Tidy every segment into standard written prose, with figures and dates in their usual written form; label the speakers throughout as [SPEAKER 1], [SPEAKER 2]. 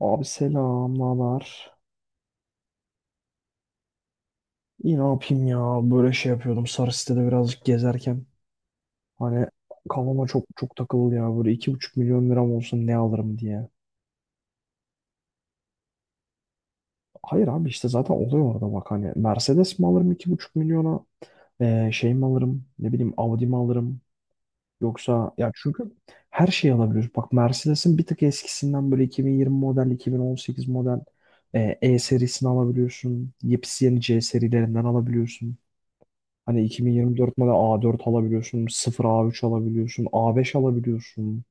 [SPEAKER 1] Abi selam, ne. İyi, ne yapayım ya? Böyle şey yapıyordum, sarı sitede birazcık gezerken. Hani kafama çok çok takıldı ya. Böyle 2,5 milyon liram olsun ne alırım diye. Hayır abi, işte zaten oluyor orada bak hani. Mercedes mi alırım 2,5 milyona? Şey mi alırım? Ne bileyim, Audi mi alırım? Yoksa ya, çünkü her şeyi alabiliyoruz. Bak, Mercedes'in bir tık eskisinden böyle 2020 model, 2018 model, E serisini alabiliyorsun. Yepyeni C serilerinden alabiliyorsun. Hani 2024 model A4 alabiliyorsun, sıfır A3 alabiliyorsun, A5 alabiliyorsun.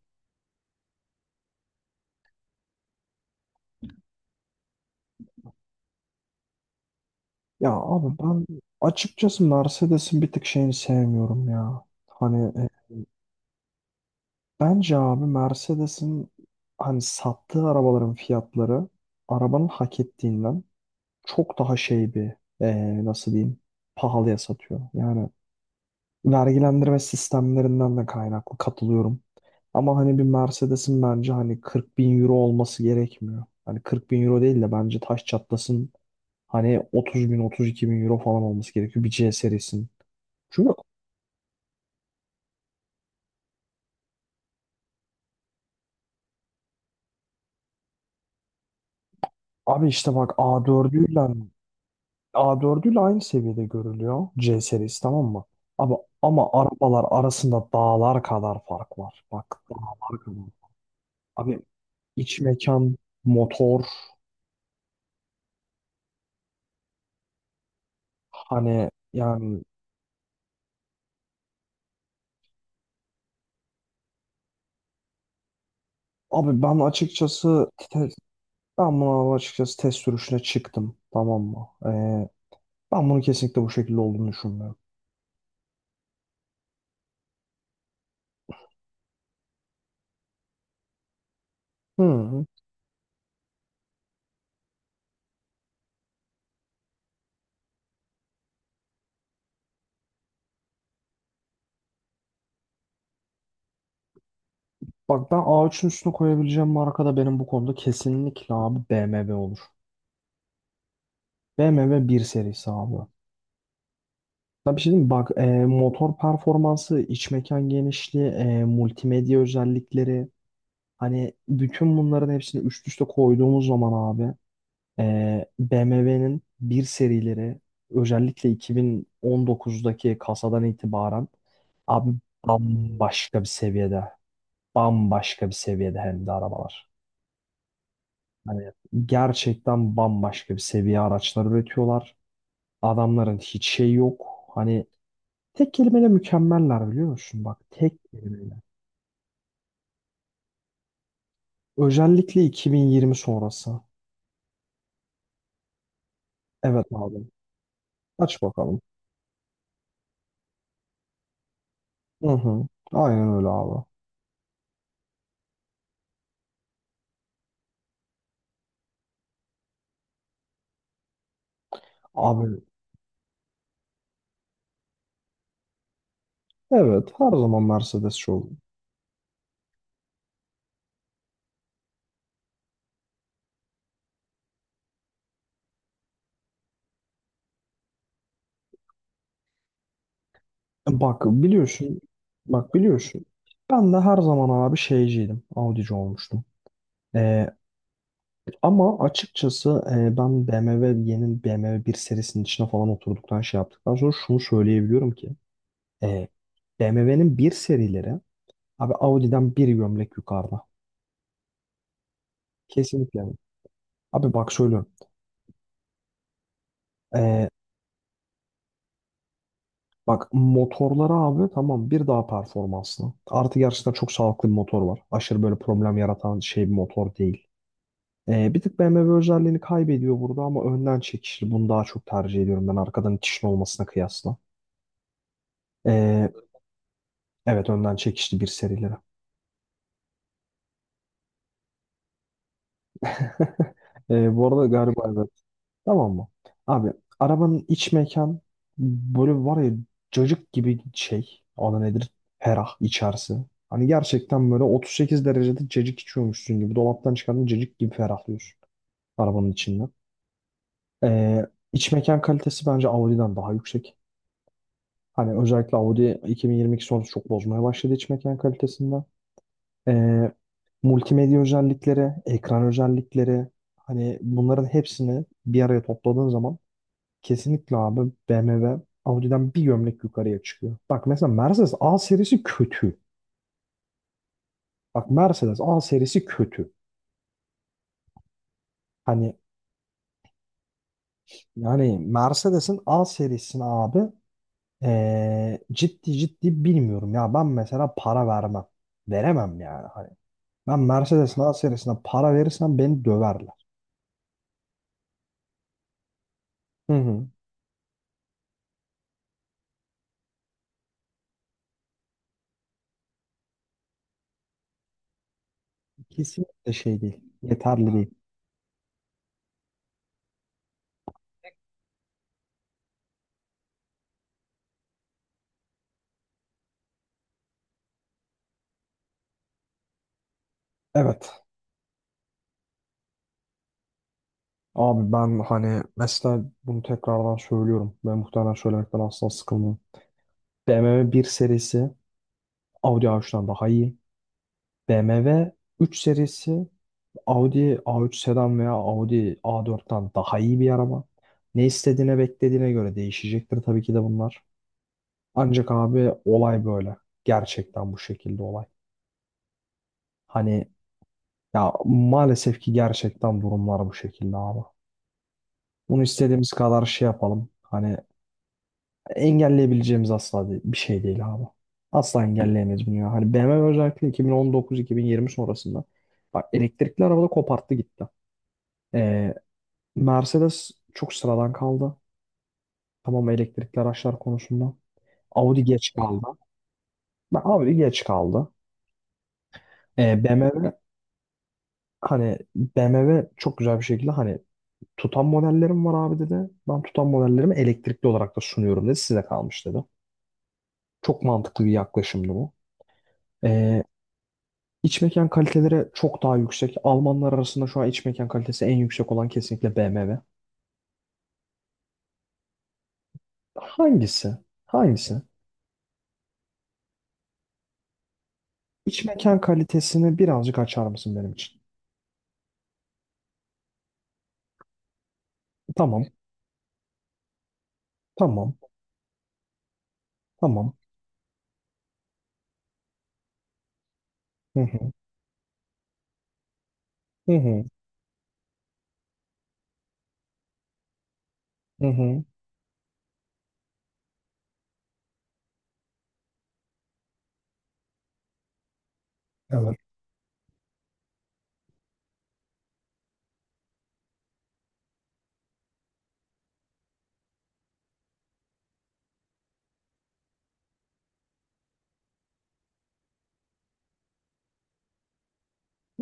[SPEAKER 1] Ya abi, ben açıkçası Mercedes'in bir tık şeyini sevmiyorum ya. Hani bence abi Mercedes'in hani sattığı arabaların fiyatları, arabanın hak ettiğinden çok daha şey bir, nasıl diyeyim, pahalıya satıyor. Yani vergilendirme sistemlerinden de kaynaklı katılıyorum. Ama hani bir Mercedes'in bence hani 40 bin euro olması gerekmiyor. Hani 40 bin euro değil de bence taş çatlasın hani 30 bin, 32 bin euro falan olması gerekiyor bir C serisinin. Çünkü abi işte bak, A4'üyle aynı seviyede görülüyor C serisi, tamam mı? Abi ama arabalar arasında dağlar kadar fark var. Bak, dağlar kadar. Abi iç mekan, motor, hani yani. Abi ben açıkçası ben bunu açıkçası test sürüşüne çıktım. Tamam mı? Ben bunu kesinlikle bu şekilde olduğunu düşünmüyorum. Hı. Bak, ben A3'ün üstüne koyabileceğim marka da benim bu konuda kesinlikle abi BMW olur. BMW bir serisi abi. Ben bir şey diyeyim mi? Bak, motor performansı, iç mekan genişliği, multimedya özellikleri. Hani bütün bunların hepsini üst üste koyduğumuz zaman abi. BMW'nin bir serileri, özellikle 2019'daki kasadan itibaren abi, bambaşka bir seviyede. Bambaşka bir seviyede hem de arabalar. Hani gerçekten bambaşka bir seviye araçlar üretiyorlar. Adamların hiç şey yok. Hani tek kelimeyle mükemmeller, biliyor musun? Bak, tek kelimeyle. Özellikle 2020 sonrası. Evet abi. Aç bakalım. Hı hı. Aynen öyle abi. Abi evet, her zaman Mercedesçi ol. Bak biliyorsun, bak biliyorsun. Ben de her zaman abi şeyciydim, Audi'ci olmuştum. Ee, ama açıkçası ben BMW, yeni BMW bir serisinin içine falan oturduktan, şey yaptıktan sonra şunu söyleyebiliyorum ki e, BMW'nin bir serileri abi Audi'den bir gömlek yukarıda. Kesinlikle. Abi bak söylüyorum. Ee, bak motorları abi, tamam, bir daha performanslı. Artı gerçekten çok sağlıklı bir motor var. Aşırı böyle problem yaratan şey bir motor değil. Bir tık BMW özelliğini kaybediyor burada ama önden çekişli. Bunu daha çok tercih ediyorum, ben arkadan itişin olmasına kıyasla. Ee, evet, önden çekişli bir serilere. Bu arada galiba evet. Tamam mı? Abi, arabanın iç mekan, böyle var ya, cacık gibi şey. Adı nedir? Ferah içerisi. Hani gerçekten böyle 38 derecede cacık içiyormuşsun gibi. Dolaptan çıkardığın cacık gibi ferahlıyorsun arabanın içinden. Ee, iç mekan kalitesi bence Audi'den daha yüksek. Hani özellikle Audi 2022 sonrası çok bozmaya başladı iç mekan kalitesinde. Ee, multimedya özellikleri, ekran özellikleri, hani bunların hepsini bir araya topladığın zaman kesinlikle abi BMW Audi'den bir gömlek yukarıya çıkıyor. Bak mesela Mercedes A serisi kötü. Bak Mercedes A serisi kötü. Hani yani Mercedes'in A serisini abi, ciddi ciddi bilmiyorum ya, ben mesela para vermem. Veremem yani. Hani ben Mercedes'in A serisinden para verirsem beni döverler. Hı hı. Kesinlikle şey değil. Yeterli değil. Evet. Abi ben hani mesela bunu tekrardan söylüyorum. Ben muhtemelen söylemekten asla sıkılmıyorum. BMW bir serisi Audi A3'ten daha iyi. BMW 3 serisi Audi A3 sedan veya Audi A4'ten daha iyi bir araba. Ne istediğine, beklediğine göre değişecektir tabii ki de bunlar. Ancak abi olay böyle. Gerçekten bu şekilde olay. Hani, ya maalesef ki gerçekten durumlar bu şekilde abi. Bunu istediğimiz kadar şey yapalım. Hani engelleyebileceğimiz asla bir şey değil abi. Asla engelleyemeyiz bunu ya. Hani BMW özellikle 2019-2020 sonrasında bak elektrikli arabada koparttı gitti. Ee, Mercedes çok sıradan kaldı. Tamam, elektrikli araçlar konusunda. Audi geç kaldı. Bak Audi geç kaldı. BMW, hani BMW çok güzel bir şekilde, hani tutan modellerim var abi dedi. Ben tutan modellerimi elektrikli olarak da sunuyorum dedi. Size kalmış dedi. Çok mantıklı bir yaklaşımdı bu. Ee, iç mekan kaliteleri çok daha yüksek. Almanlar arasında şu an iç mekan kalitesi en yüksek olan kesinlikle BMW. Hangisi? Hangisi? İç mekan kalitesini birazcık açar mısın benim için? Tamam, tamam, tamam. Hı hı, hı hı, hı hı. Evet.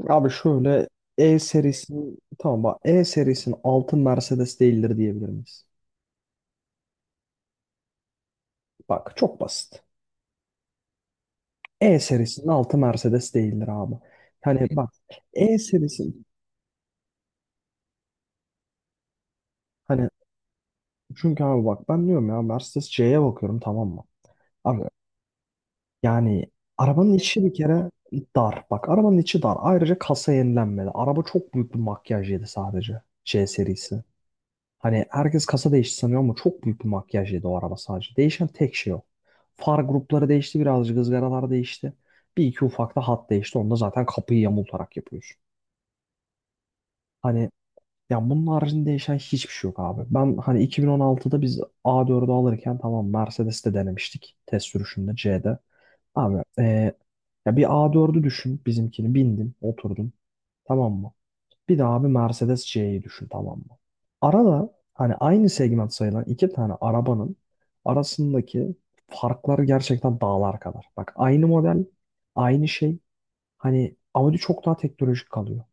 [SPEAKER 1] Abi şöyle, E serisi, tamam, bak, E serisinin altın Mercedes değildir diyebilir miyiz? Bak çok basit. E serisinin altı Mercedes değildir abi. Hani bak E serisinin, hani, çünkü abi bak ben diyorum ya, Mercedes C'ye bakıyorum, tamam mı? Abi yani arabanın içi bir kere dar. Bak, arabanın içi dar. Ayrıca kasa yenilenmedi. Araba çok büyük bir makyaj yedi, sadece C serisi. Hani herkes kasa değişti sanıyor ama çok büyük bir makyaj yedi o araba sadece. Değişen tek şey o. Far grupları değişti, birazcık ızgaralar değişti. Bir iki ufak da hat değişti. Onu da zaten kapıyı yamultarak yapıyorsun. Hani ya, bunun haricinde değişen hiçbir şey yok abi. Ben hani 2016'da biz A4'ü alırken, tamam, Mercedes'te denemiştik. Test sürüşünde C'de. Abi ya bir A4'ü düşün, bizimkini bindin oturdun, tamam mı? Bir de abi Mercedes C'yi düşün, tamam mı? Arada hani aynı segment sayılan iki tane arabanın arasındaki farklar gerçekten dağlar kadar. Bak aynı model, aynı şey, hani Audi çok daha teknolojik kalıyor.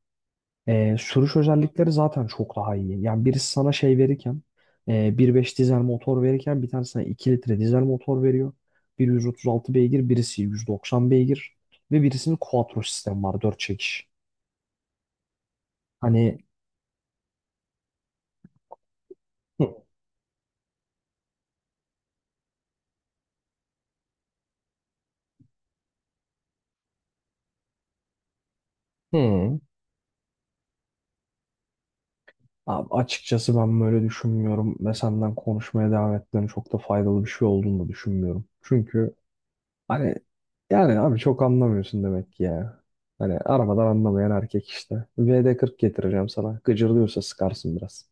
[SPEAKER 1] Sürüş özellikleri zaten çok daha iyi. Yani birisi sana şey verirken, e, 1.5 dizel motor verirken, bir tane sana 2 litre dizel motor veriyor. Biri 136 beygir, birisi 190 beygir ve birisinin quattro sistemi var, 4 çekiş. Hani. Hı. Hı. Abi açıkçası ben böyle düşünmüyorum ve senden konuşmaya devam etmenin çok da faydalı bir şey olduğunu da düşünmüyorum. Çünkü. Hani yani abi, çok anlamıyorsun demek ki ya. Hani arabadan anlamayan erkek işte. VD40 getireceğim sana. Gıcırlıyorsa sıkarsın biraz.